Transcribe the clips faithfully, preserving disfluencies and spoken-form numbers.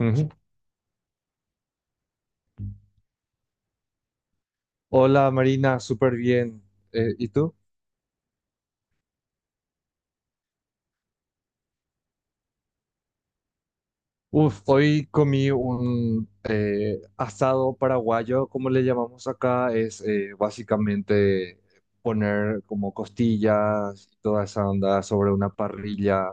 Ujú. Hola Marina, súper bien. Eh, ¿y tú? Uf, hoy comí un eh, asado paraguayo, como le llamamos acá, es eh, básicamente poner como costillas y toda esa onda sobre una parrilla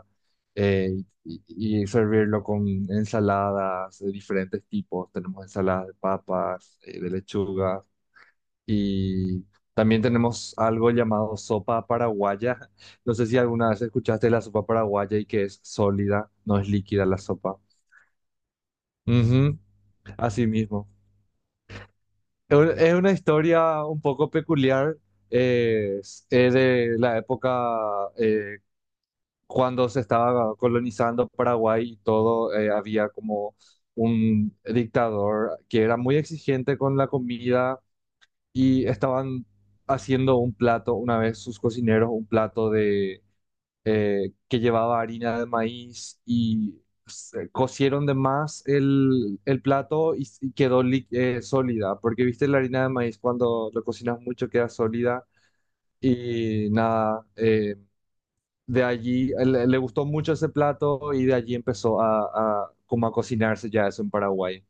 eh, y, y servirlo con ensaladas de diferentes tipos. Tenemos ensaladas de papas, eh, de lechuga. Y también tenemos algo llamado sopa paraguaya. No sé si alguna vez escuchaste la sopa paraguaya y que es sólida, no es líquida la sopa. Ujú, así mismo. Es un- es una historia un poco peculiar. eh, Es, es de la época eh, cuando se estaba colonizando Paraguay y todo, eh, había como un dictador que era muy exigente con la comida y estaban haciendo un plato, una vez sus cocineros, un plato de eh, que llevaba harina de maíz y se- cocieron de más el, el plato y, y quedó lí- eh, sólida, porque viste la harina de maíz cuando lo cocinas mucho queda sólida y nada, eh, de allí eh, le, le gustó mucho ese plato y de allí empezó a, a como a cocinarse ya eso en Paraguay.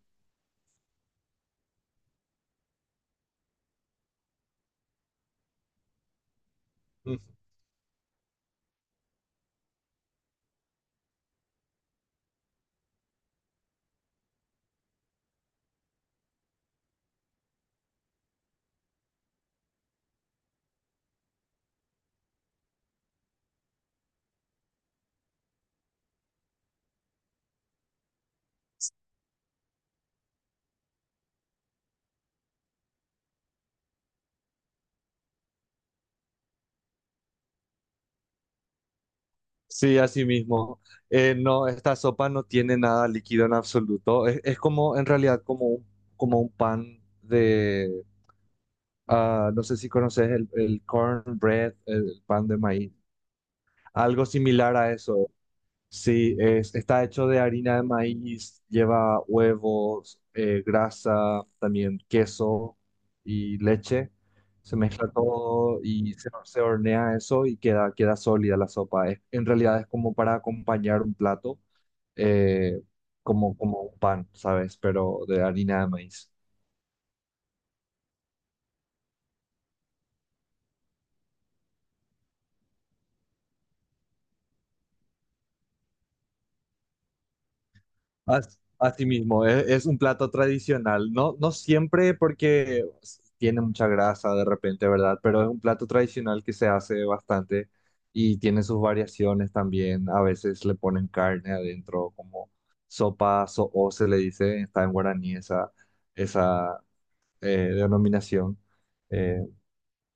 Sí, así mismo. Eh, no, esta sopa no tiene nada líquido en absoluto. Es, es como, en realidad, como un, como un pan de, ah, no sé si conoces el, el cornbread, el pan de maíz. Algo similar a eso. Sí, es, está hecho de harina de maíz, lleva huevos, eh, grasa, también queso y leche. Se mezcla todo y se, se hornea eso y queda, queda sólida la sopa. Es- en realidad es como para acompañar un plato, eh, como, como un pan, ¿sabes? Pero de harina de maíz. As- Así mismo, es, es un plato tradicional, no, no siempre porque tiene mucha grasa de repente, ¿verdad? Pero es un plato tradicional que se hace bastante y tiene sus variaciones también. A veces le ponen carne adentro, como sopa so'o se le dice, está en guaraní esa, esa eh, denominación. Eh,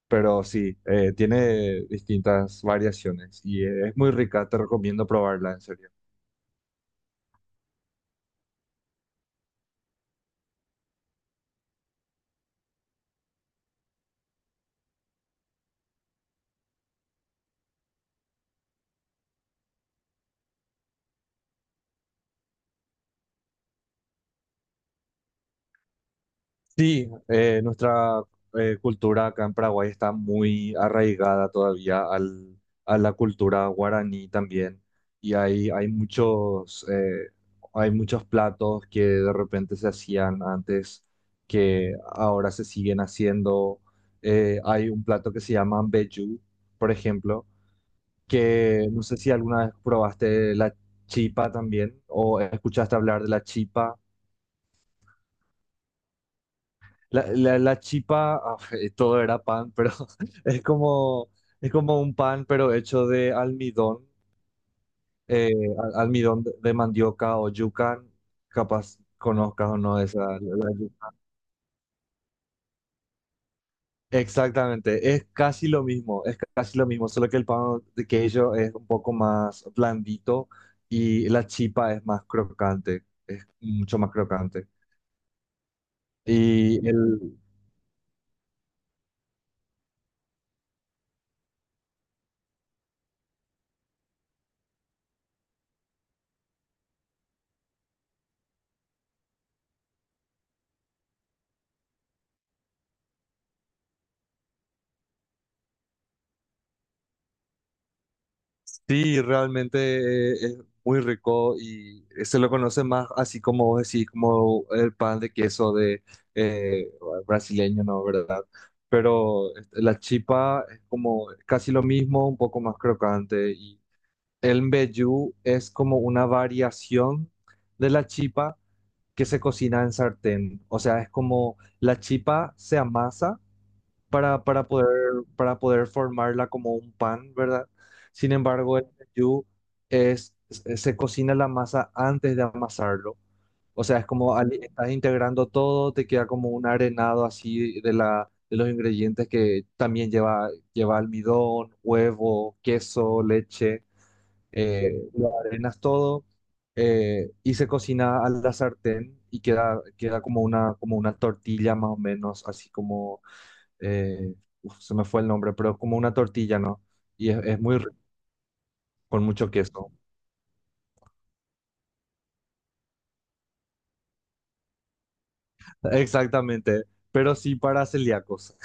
pero sí, eh, tiene distintas variaciones y es muy rica, te recomiendo probarla, en serio. Sí, eh, nuestra eh, cultura acá en Paraguay está muy arraigada todavía al, a la cultura guaraní también. Y hay, hay muchos, eh, hay muchos platos que de repente se hacían antes que ahora se siguen haciendo. Eh, hay un plato que se llama mbejú, por ejemplo, que no sé si alguna vez probaste la chipa también o escuchaste hablar de la chipa. La, la, la chipa, ah, todo era pan, pero es como, es como un pan, pero hecho de almidón, eh, al- almidón de, de mandioca o yuca, capaz conozcas o no esa, la- la yuca. Exactamente, es casi lo mismo, es casi lo mismo, solo que el pan de queso es un poco más blandito y la chipa es más crocante, es mucho más crocante. Y el, Sí, realmente eh, es muy rico y se lo conoce más así como vos decís, como el pan de queso de eh, brasileño, ¿no? ¿Verdad? Pero este, la chipa es como casi lo mismo, un poco más crocante. Y el mbejú es como una variación de la chipa que se cocina en sartén. O sea, es como la chipa se amasa para, para poder, para poder formarla como un pan, ¿verdad? Sin embargo, el mbejú es, es- se cocina la masa antes de amasarlo. O sea, es como ali- estás integrando todo, te queda como un arenado así de la, de los ingredientes que también lleva, lleva almidón, huevo, queso, leche, eh, lo arenas todo. Eh, y se cocina a la sartén y queda, queda como una, como una tortilla más o menos, así como eh, uf, se me fue el nombre, pero es como una tortilla, ¿no? Y es, es muy rico, con mucho queso. Exactamente, pero sí para celíacos.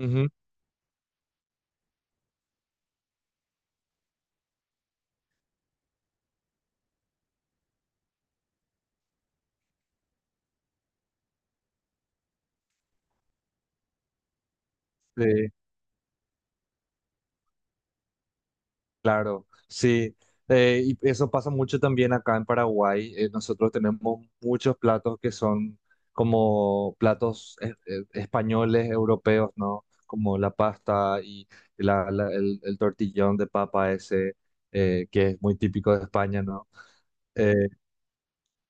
Ujú, sí, claro, sí. Eh, y eso pasa mucho también acá en Paraguay. Eh, nosotros tenemos muchos platos que son como platos es- es- españoles, europeos, ¿no? Como la pasta y la- la- el, el tortillón de papa ese, eh, que es muy típico de España, ¿no? Eh,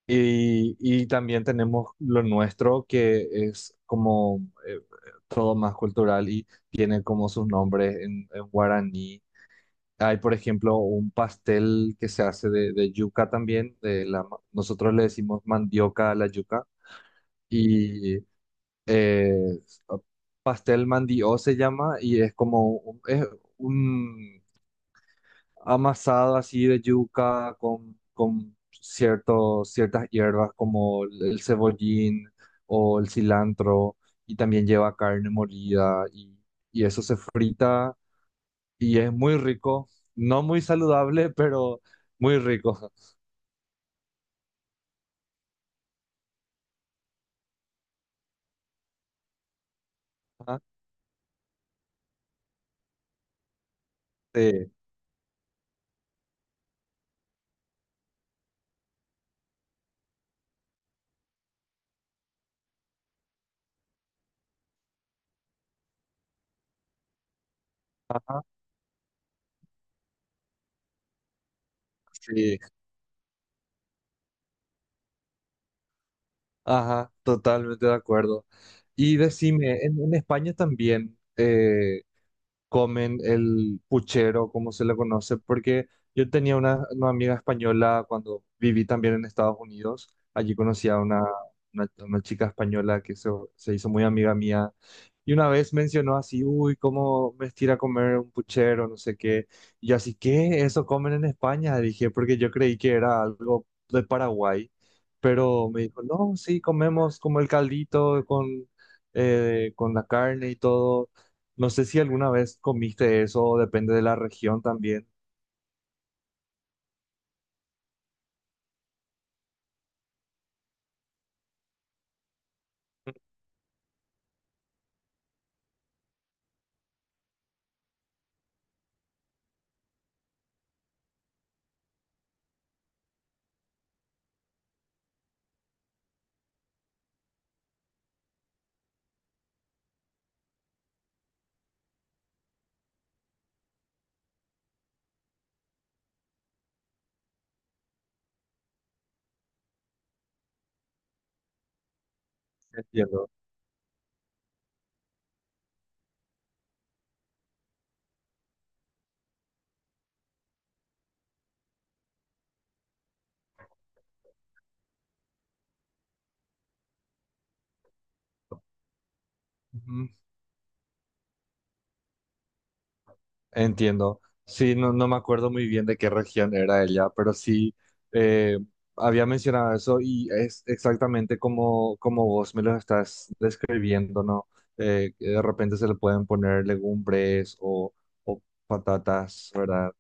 Y, y también tenemos lo nuestro, que es como eh, todo más cultural y tiene como sus nombres en, en guaraní. Hay, por ejemplo, un pastel que se hace de, de yuca también. De la, ma- nosotros le decimos mandioca a la yuca. Y eh, pastel mandió se llama y es como un- es un amasado así de yuca con, con ciertos, ciertas hierbas como el el cebollín o el cilantro y también lleva carne molida y, y eso se frita y es muy rico, no muy saludable, pero muy rico. Ajá, sí, ajá, sí, ajá, totalmente de acuerdo. Y decime, en, en España también eh, comen el puchero, como se le conoce, porque yo tenía una, una amiga española cuando viví también en Estados Unidos. Allí conocí a una, una, una chica española que se, se hizo muy amiga mía. Y una vez mencionó así, uy, cómo me estira comer un puchero, no sé qué. Y yo así, ¿qué? ¿Eso comen en España? Dije, porque yo creí que era algo de Paraguay. Pero me dijo, no, sí, comemos como el caldito con, eh, con la carne y todo. No sé si alguna vez comiste eso, depende de la región también. Entiendo. Ujú. Entiendo. Sí, no, no me acuerdo muy bien de qué región era ella, pero sí eh, había mencionado eso y es exactamente como, como vos me lo estás describiendo, ¿no? Eh, que de repente se le pueden poner legumbres o, o patatas, ¿verdad?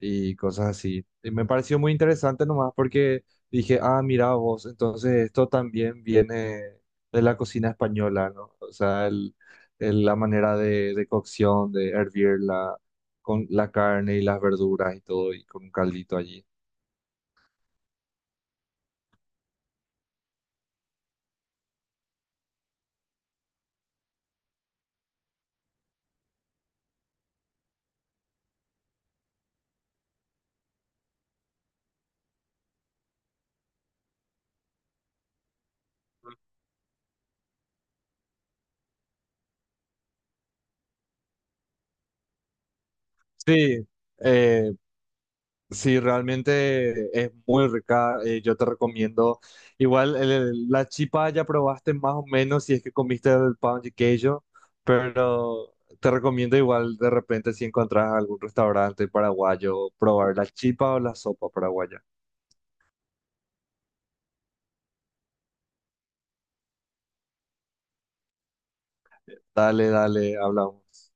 Y cosas así. Y me pareció muy interesante nomás porque dije, ah, mira vos, entonces esto también viene de la cocina española, ¿no? O sea, el el- la manera de, de cocción, de hervirla con la carne y las verduras y todo, y con un caldito allí. Sí, eh, sí, realmente es muy rica. Eh, yo te recomiendo. Igual el- el- la chipa ya probaste más o menos si es que comiste el pan de queijo, pero te recomiendo igual de repente si encontrás algún restaurante paraguayo, probar la chipa o la sopa paraguaya. Dale, dale, hablamos.